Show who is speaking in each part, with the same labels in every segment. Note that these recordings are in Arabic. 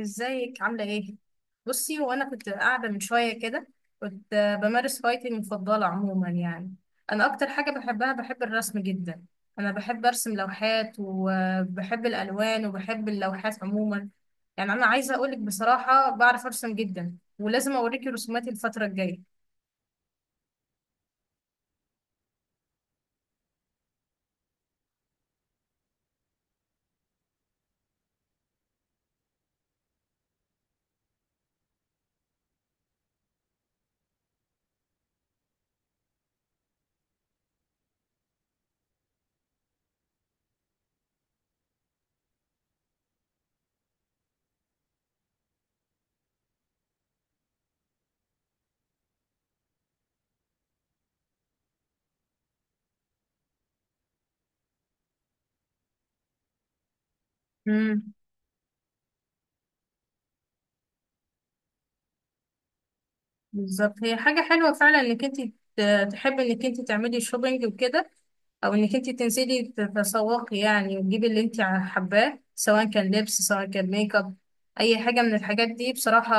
Speaker 1: ازيك، عاملة ايه؟ بصي، وانا كنت قاعدة من شوية كده كنت بمارس هوايتي المفضلة عموما يعني. انا اكتر حاجة بحبها بحب الرسم جدا. انا بحب ارسم لوحات وبحب الالوان وبحب اللوحات عموما. يعني انا عايزة اقولك بصراحة، بعرف ارسم جدا ولازم اوريكي رسوماتي الفترة الجاية. امم بالظبط، هي حاجة حلوة فعلا انك انت تحبي انك انت تعملي شوبينج وكده، او انك انت تنزلي تتسوقي يعني وتجيبي اللي انت حباه، سواء كان لبس سواء كان ميك اب. اي حاجه من الحاجات دي بصراحه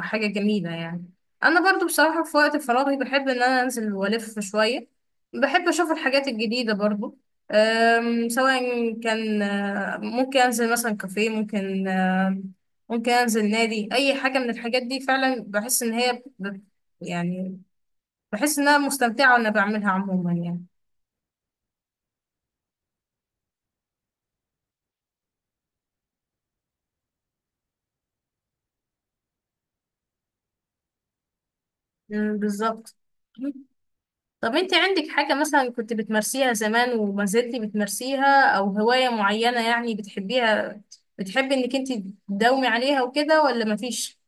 Speaker 1: حاجه جميله يعني. انا برضو بصراحه في وقت فراغي بحب ان انا انزل والف شويه. بحب اشوف الحاجات الجديده برضو. سواء كان ممكن انزل مثلا كافيه، ممكن انزل نادي. اي حاجه من الحاجات دي فعلا بحس ان هي يعني بحس ان انا مستمتعه وانا بعملها عموما يعني. مم، بالظبط. طب انت عندك حاجة مثلا كنت بتمارسيها زمان وما زلتي بتمارسيها او هواية معينة يعني بتحبيها، بتحبي انك انت تداومي عليها وكده ولا مفيش؟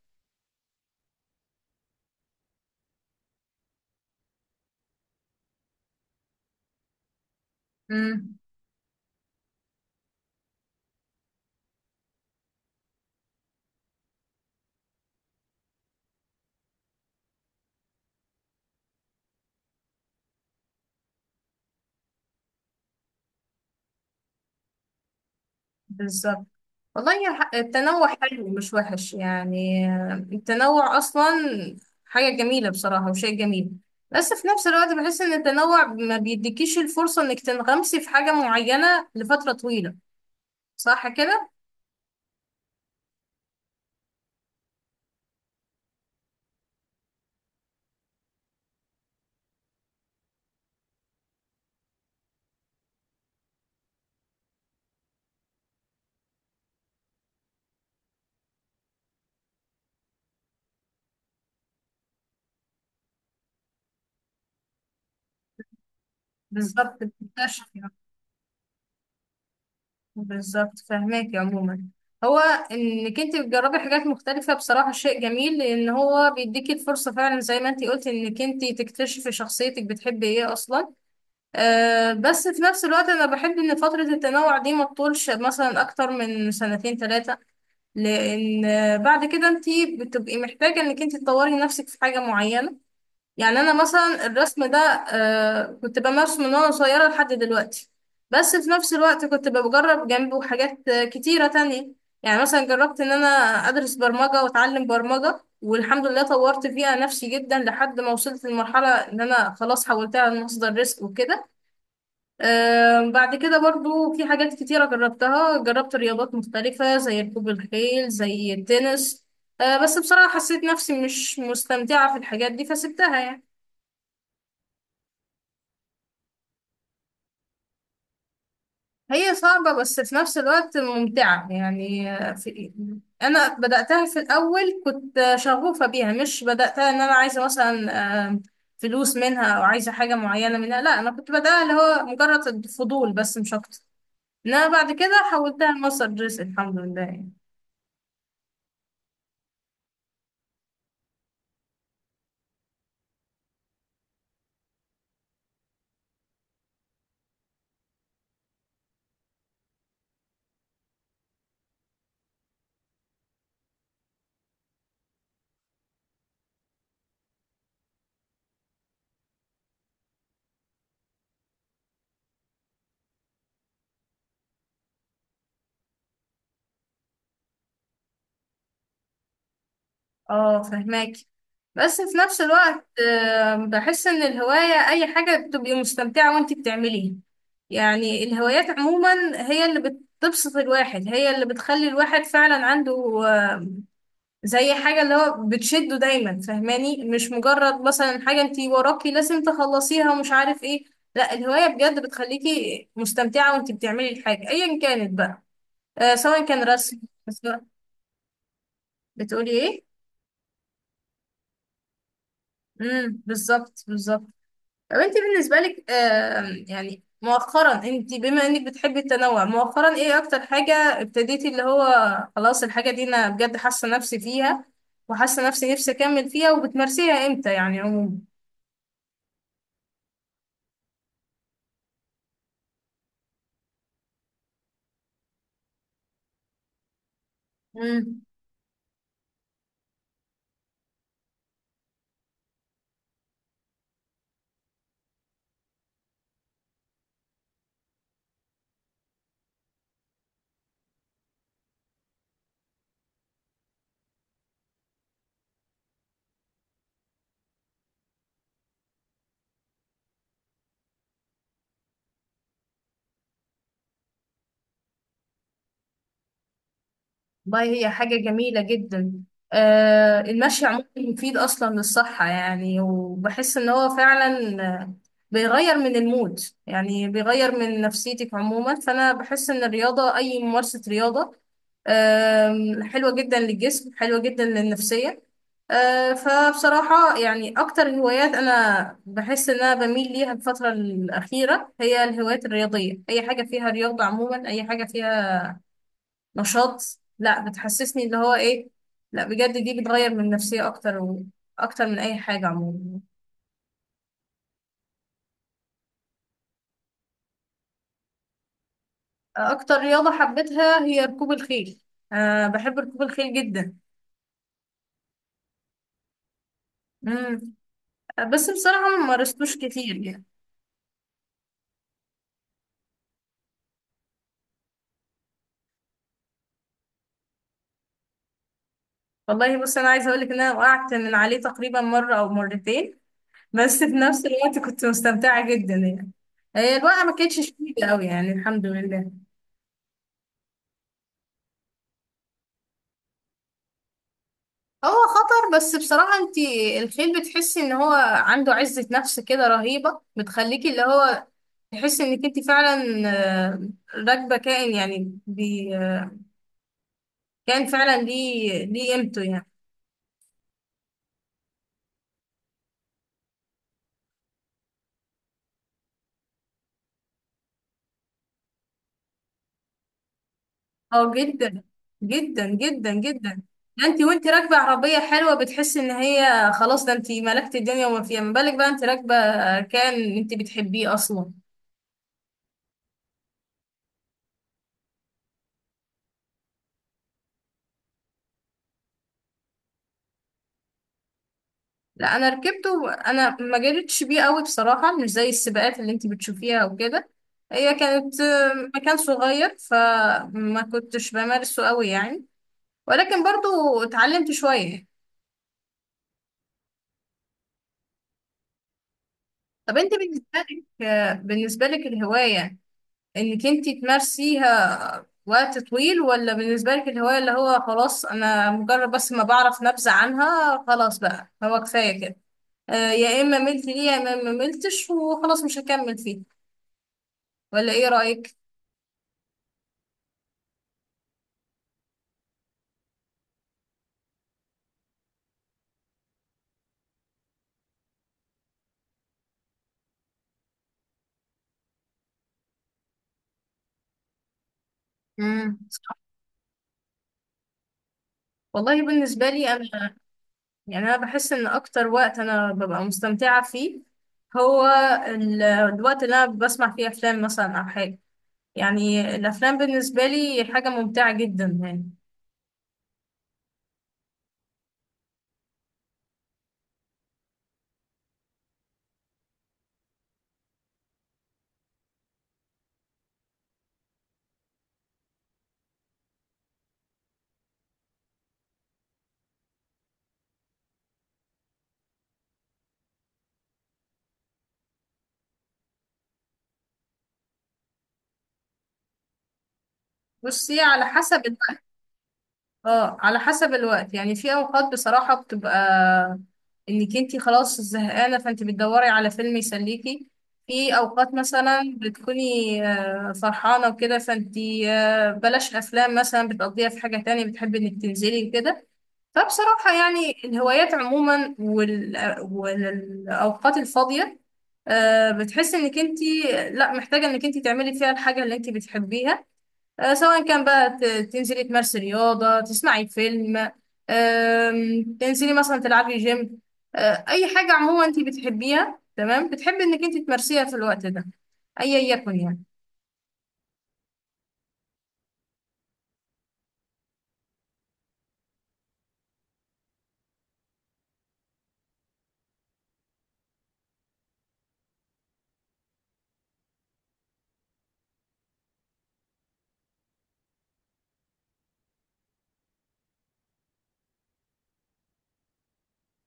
Speaker 1: امم بالظبط. والله التنوع حلو مش وحش يعني. التنوع اصلا حاجة جميلة بصراحة وشيء جميل. بس في نفس الوقت بحس ان التنوع ما بيديكيش الفرصة انك تنغمسي في حاجة معينة لفترة طويلة. صح كده؟ بالظبط بتكتشفي. بالظبط فهماكي عموما، هو انك انت بتجربي حاجات مختلفة بصراحة شيء جميل، لان هو بيديكي الفرصة فعلا زي ما انت قلتي انك انت تكتشفي شخصيتك بتحبي ايه اصلا. بس في نفس الوقت انا بحب ان فترة التنوع دي ما تطولش مثلا اكتر من سنتين ثلاثة، لان بعد كده انت بتبقي محتاجة انك انت تطوري نفسك في حاجة معينة. يعني انا مثلا الرسم ده كنت بمارسه من وانا صغيره لحد دلوقتي، بس في نفس الوقت كنت بجرب جنبه حاجات كتيره تانية. يعني مثلا جربت ان انا ادرس برمجه واتعلم برمجه، والحمد لله طورت فيها نفسي جدا لحد ما وصلت لمرحله ان انا خلاص حولتها لمصدر رزق وكده. بعد كده برضو في حاجات كتيره جربتها، جربت رياضات مختلفه زي ركوب الخيل زي التنس. بس بصراحه حسيت نفسي مش مستمتعه في الحاجات دي فسبتها يعني. هي صعبة بس في نفس الوقت ممتعة يعني. في أنا بدأتها في الأول كنت شغوفة بيها، مش بدأتها إن أنا عايزة مثلا آم، فلوس منها أو عايزة حاجة معينة منها، لا أنا كنت بدأها اللي هو مجرد الفضول بس مش أكتر. إنما بعد كده حولتها لمصدر رزق، الحمد لله. اه، فهماكي. بس في نفس الوقت بحس ان الهواية اي حاجة بتبقي مستمتعة وانت بتعمليها. يعني الهوايات عموما هي اللي بتبسط الواحد، هي اللي بتخلي الواحد فعلا عنده آه، زي حاجة اللي هو بتشده دايما فهماني، مش مجرد مثلا حاجة انت وراكي لازم تخلصيها ومش عارف ايه. لا الهواية بجد بتخليكي مستمتعة وانت بتعملي الحاجة ايا كانت بقى. سواء كان رسم سواء- بتقولي ايه؟ بالظبط بالظبط. طب انت بالنسبة لك يعني مؤخرا، انت بما انك بتحبي التنوع مؤخرا ايه اكتر حاجة ابتديتي اللي هو خلاص الحاجة دي انا بجد حاسة نفسي فيها، وحاسة نفسي اكمل فيها وبتمارسيها امتى يعني عموما؟ والله هي حاجة جميلة جدا. المشي عموما مفيد أصلا للصحة يعني، وبحس إن هو فعلا بيغير من المود. يعني بيغير من نفسيتك عموما، فأنا بحس إن الرياضة أي ممارسة رياضة حلوة جدا للجسم حلوة جدا للنفسية. فبصراحة يعني أكتر هوايات أنا بحس إن أنا بميل ليها الفترة الأخيرة هي الهوايات الرياضية، أي حاجة فيها رياضة عموما أي حاجة فيها نشاط. لا بتحسسني اللي هو ايه، لا بجد دي بتغير من النفسية اكتر اكتر من اي حاجة عموما. اكتر رياضة حبيتها هي ركوب الخيل. بحب ركوب الخيل جدا. مم. بس بصراحة ما مارستوش كتير يعني. والله بص انا عايزة اقولك ان انا وقعت من عليه تقريبا مرة او مرتين، بس في نفس الوقت كنت مستمتعة جدا يعني. هي الوقعة ما كانتش شديدة قوي يعني الحمد لله. هو خطر، بس بصراحة انت الخيل بتحسي ان هو عنده عزة نفس كده رهيبة بتخليكي اللي هو تحسي انك انت فعلا آه، راكبة كائن يعني، بي آه، كائن فعلا ليه ليه قيمته يعني. اه جدا. جدا جدا جدا. ده انت وانت راكبة عربية حلوة بتحسي ان هي خلاص ده انت ملكت الدنيا وما فيها، ما بالك بقى انت راكبة كائن انت بتحبيه اصلا. لا انا ركبته، انا ما جريتش بيه قوي بصراحه، مش زي السباقات اللي انت بتشوفيها وكده. هي كانت مكان صغير فما كنتش بمارسه قوي يعني، ولكن برضو اتعلمت شويه. طب انت بالنسبه لك الهوايه انك انت تمارسيها وقت طويل، ولا بالنسبه لك الهوايه اللي هو خلاص انا مجرد بس ما بعرف نبذه عنها خلاص بقى هو كفايه كده؟ يا اما ملت ليه يا اما ما ملتش وخلاص مش هكمل فيه، ولا ايه رايك؟ مم. والله بالنسبة لي أنا يعني أنا بحس إن أكتر وقت أنا ببقى مستمتعة فيه هو الوقت اللي أنا بسمع فيه أفلام مثلا أو حاجة. يعني الأفلام بالنسبة لي حاجة ممتعة جدا يعني. بصي، على حسب الوقت يعني. في اوقات بصراحة بتبقى انك انتي خلاص زهقانة فانتي بتدوري على فيلم يسليكي. في اوقات مثلا بتكوني فرحانة وكده فانتي بلاش افلام مثلا بتقضيها في حاجة تانية بتحبي انك تنزلي وكده. فبصراحة يعني الهوايات عموما والاوقات الفاضية بتحسي انك انتي لا محتاجة انك انتي تعملي فيها الحاجة اللي انتي بتحبيها. سواء كان بقى تنزلي تمارسي رياضة تسمعي فيلم، تنزلي مثلا تلعبي جيم، أي حاجة عموما أنت بتحبيها تمام بتحبي إنك أنت تمارسيها في الوقت ده أيا يكن يعني.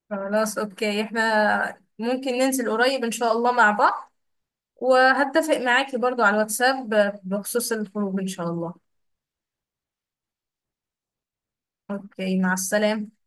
Speaker 1: خلاص أوكي، إحنا ممكن ننزل قريب إن شاء الله مع بعض، وهتفق معاكي برضو على الواتساب بخصوص الخروج إن شاء الله. أوكي، مع السلامة.